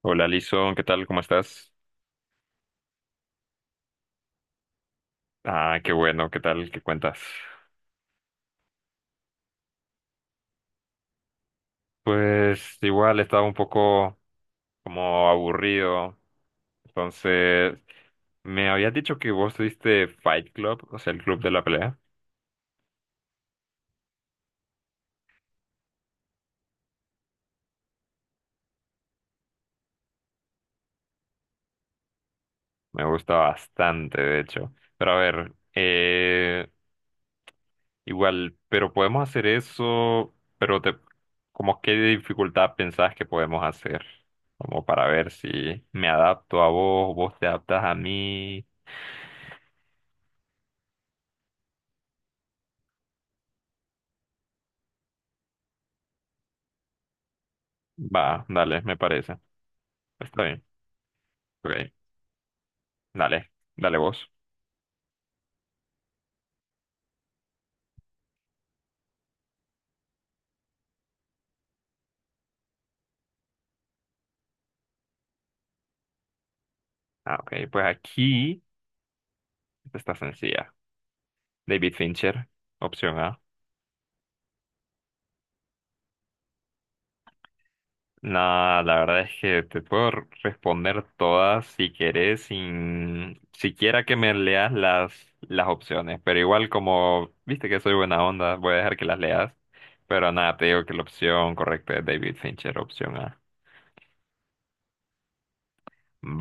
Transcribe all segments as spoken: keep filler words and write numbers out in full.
Hola, Lison, ¿qué tal? ¿Cómo estás? Ah, qué bueno, ¿qué tal? ¿Qué cuentas? Pues igual estaba un poco como aburrido. Entonces, me habías dicho que vos tuviste Fight Club, o sea, el club de la pelea. Me gusta bastante, de hecho. Pero a ver, eh, igual, pero podemos hacer eso, pero te, como qué dificultad pensás que podemos hacer, como para ver si me adapto a vos, vos te adaptas a mí. Va, dale, me parece. Está bien. Ok, dale, dale vos. Ah, ok, pues aquí esta está sencilla. David Fincher, opción A. Nada, la verdad es que te puedo r- responder todas si querés, sin siquiera que me leas las, las opciones. Pero igual como viste que soy buena onda, voy a dejar que las leas. Pero nada, te digo que la opción correcta es David Fincher, opción A.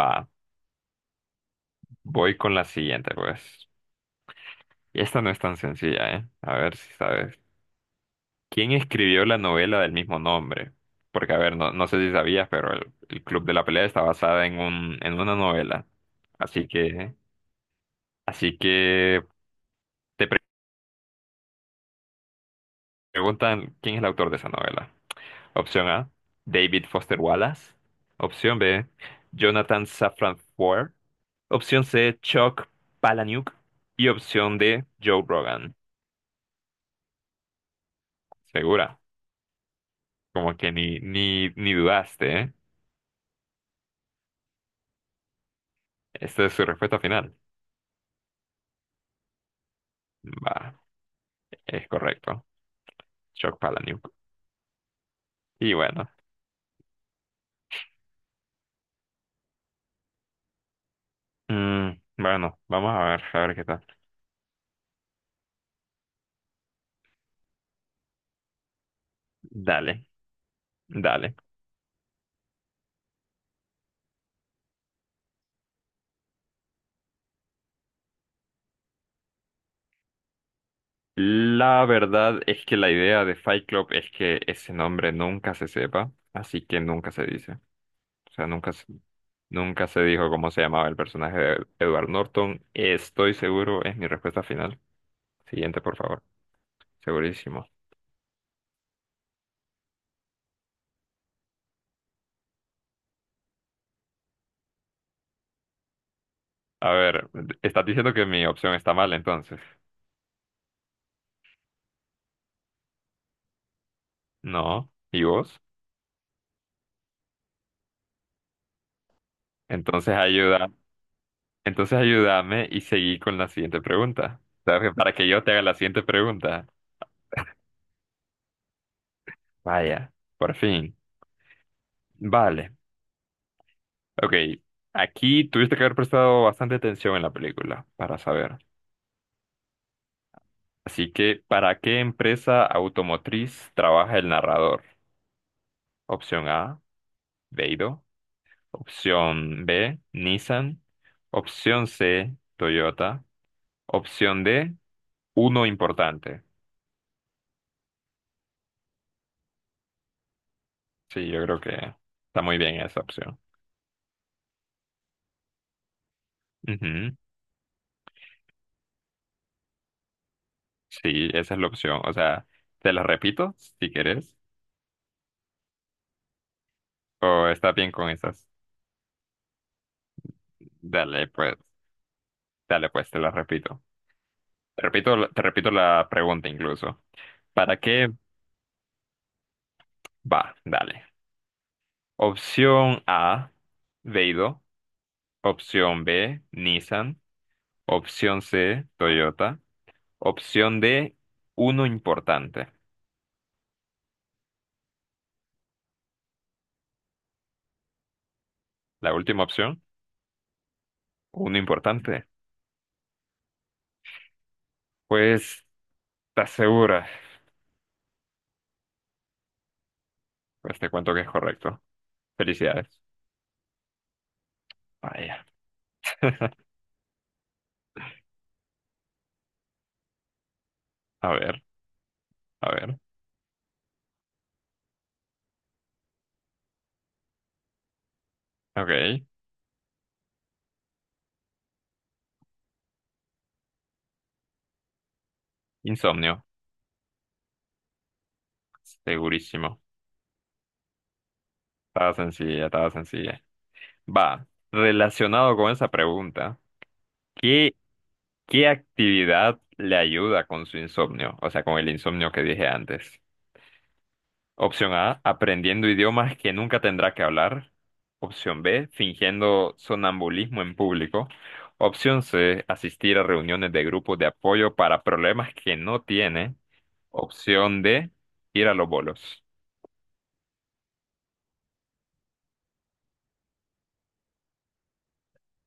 Va, voy con la siguiente, pues. Y esta no es tan sencilla, ¿eh? A ver si sabes. ¿Quién escribió la novela del mismo nombre? Porque, a ver, no, no sé si sabías, pero el, el Club de la Pelea está basada en un, en una novela. Así que, así que te pre- preguntan quién es el autor de esa novela. Opción A, David Foster Wallace. Opción B, Jonathan Safran Foer. Opción C, Chuck Palahniuk. Y opción D, Joe Rogan. Segura, como que ni, ni, ni dudaste, ¿eh? Esta es su respuesta final. Va, es correcto. Shock Palahniuk. Y bueno, mm, bueno, vamos a ver, a ver qué tal. Dale, dale. La verdad es que la idea de Fight Club es que ese nombre nunca se sepa, así que nunca se dice. O sea, nunca se, nunca se dijo cómo se llamaba el personaje de Edward Norton. Estoy seguro, es mi respuesta final. Siguiente, por favor. Segurísimo. A ver, estás diciendo que mi opción está mal, entonces. No. ¿Y vos? Entonces ayuda. Entonces ayúdame y seguí con la siguiente pregunta. ¿Sabes? Que para que yo te haga la siguiente pregunta. Vaya, por fin. Vale. Ok. Aquí tuviste que haber prestado bastante atención en la película para saber. Así que, ¿para qué empresa automotriz trabaja el narrador? Opción A, Beidou. Opción B, Nissan. Opción C, Toyota. Opción D, uno importante. Sí, yo creo que está muy bien esa opción. Ujú. Sí, esa es la opción. O sea, te las repito si quieres. O estás bien con esas. Dale, pues, dale, pues, te las repito. Te repito, la- te repito la pregunta incluso. ¿Para qué va? Dale. Opción A, Veido. Opción B, Nissan. Opción C, Toyota. Opción D, uno importante. La última opción, uno importante. Pues, ¿estás segura? Pues te cuento que es correcto. Felicidades. Vaya. A ver. A ver, ok. Insomnio, segurísimo. Estaba sencilla, estaba sencilla. Va, relacionado con esa pregunta, ¿qué, qué actividad le ayuda con su insomnio? O sea, con el insomnio que dije antes. Opción A, aprendiendo idiomas que nunca tendrá que hablar. Opción B, fingiendo sonambulismo en público. Opción C, asistir a reuniones de grupos de apoyo para problemas que no tiene. Opción D, ir a los bolos.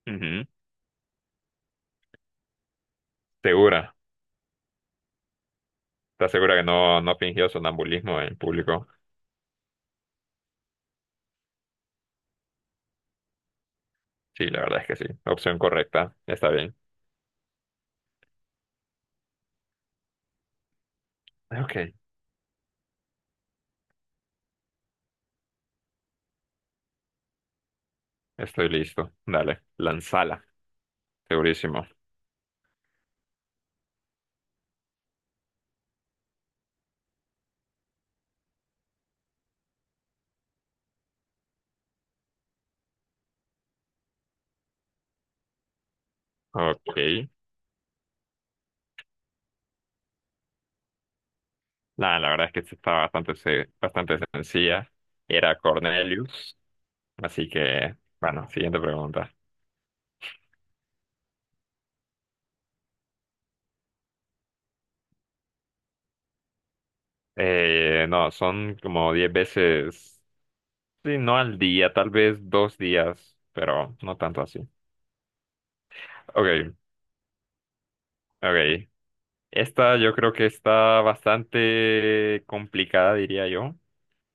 Ujú. ¿Segura? ¿Estás segura que no, no fingió sonambulismo en público? Sí, la verdad es que sí. Opción correcta. Está bien. Ok, estoy listo. Dale, lanzala. Segurísimo. Ok. Nah, la verdad es que esta está bastante, se- bastante sencilla. Era Cornelius. Así que, bueno, siguiente pregunta. Eh, no, son como diez veces, sí, no al día, tal vez dos días, pero no tanto así. Ok, ok. Esta yo creo que está bastante complicada, diría yo.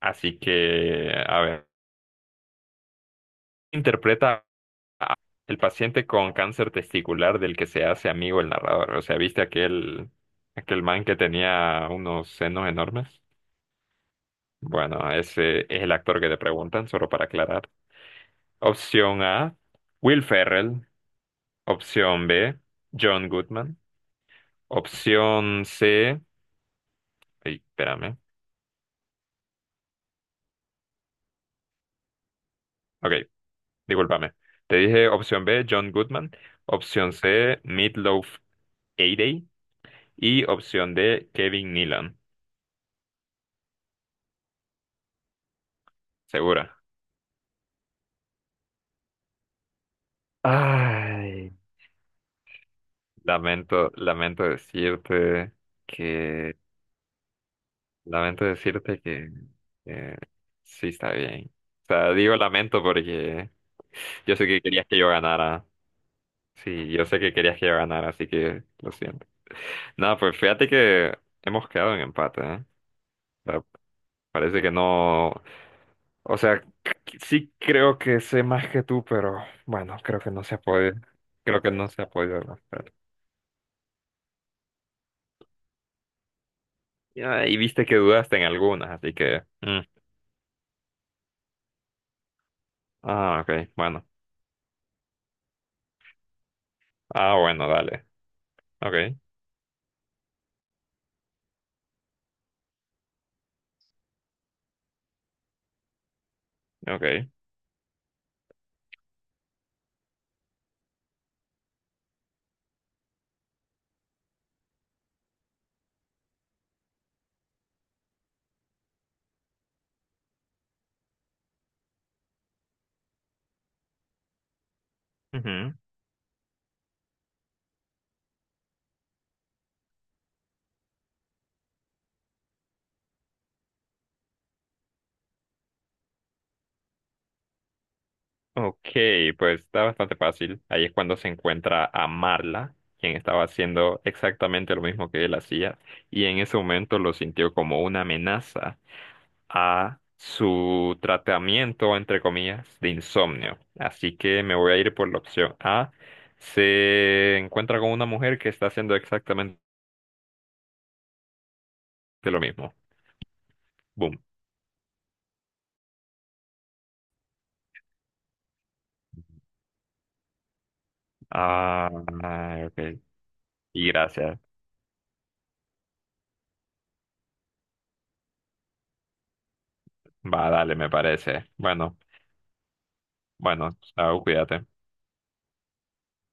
Así que, a ver, interpreta el paciente con cáncer testicular del que se hace amigo el narrador. O sea, ¿viste aquel, aquel man que tenía unos senos enormes? Bueno, ese es el actor que te preguntan, solo para aclarar. Opción A, Will Ferrell. Opción B, John Goodman. Opción C, ay, espérame. Ok. Discúlpame. Te dije opción B, John Goodman. Opción C, Meatloaf Hayday. Y opción D, Kevin Nealon. Segura. Ay, Lamento, lamento decirte que, lamento decirte que, eh, sí está bien. O sea, digo lamento porque yo sé que querías que yo ganara. Sí, yo sé que querías que yo ganara, así que lo siento. No, pues fíjate que hemos quedado en empate, ¿eh? Parece que no. O sea, c- sí creo que sé más que tú, pero bueno, creo que no se ha podido. Creo que no se ha podido demostrar. Ya, y viste que dudaste en algunas, así que. Mm. Ah, ok, bueno. Ah, bueno, dale. Ok, ok. Ujú. Ok, pues está bastante fácil. Ahí es cuando se encuentra a Marla, quien estaba haciendo exactamente lo mismo que él hacía, y en ese momento lo sintió como una amenaza a su tratamiento, entre comillas, de insomnio. Así que me voy a ir por la opción A. Se encuentra con una mujer que está haciendo exactamente lo mismo. Boom. Ah, ok. Y gracias. Va, dale, me parece. Bueno, bueno, chao, cuídate.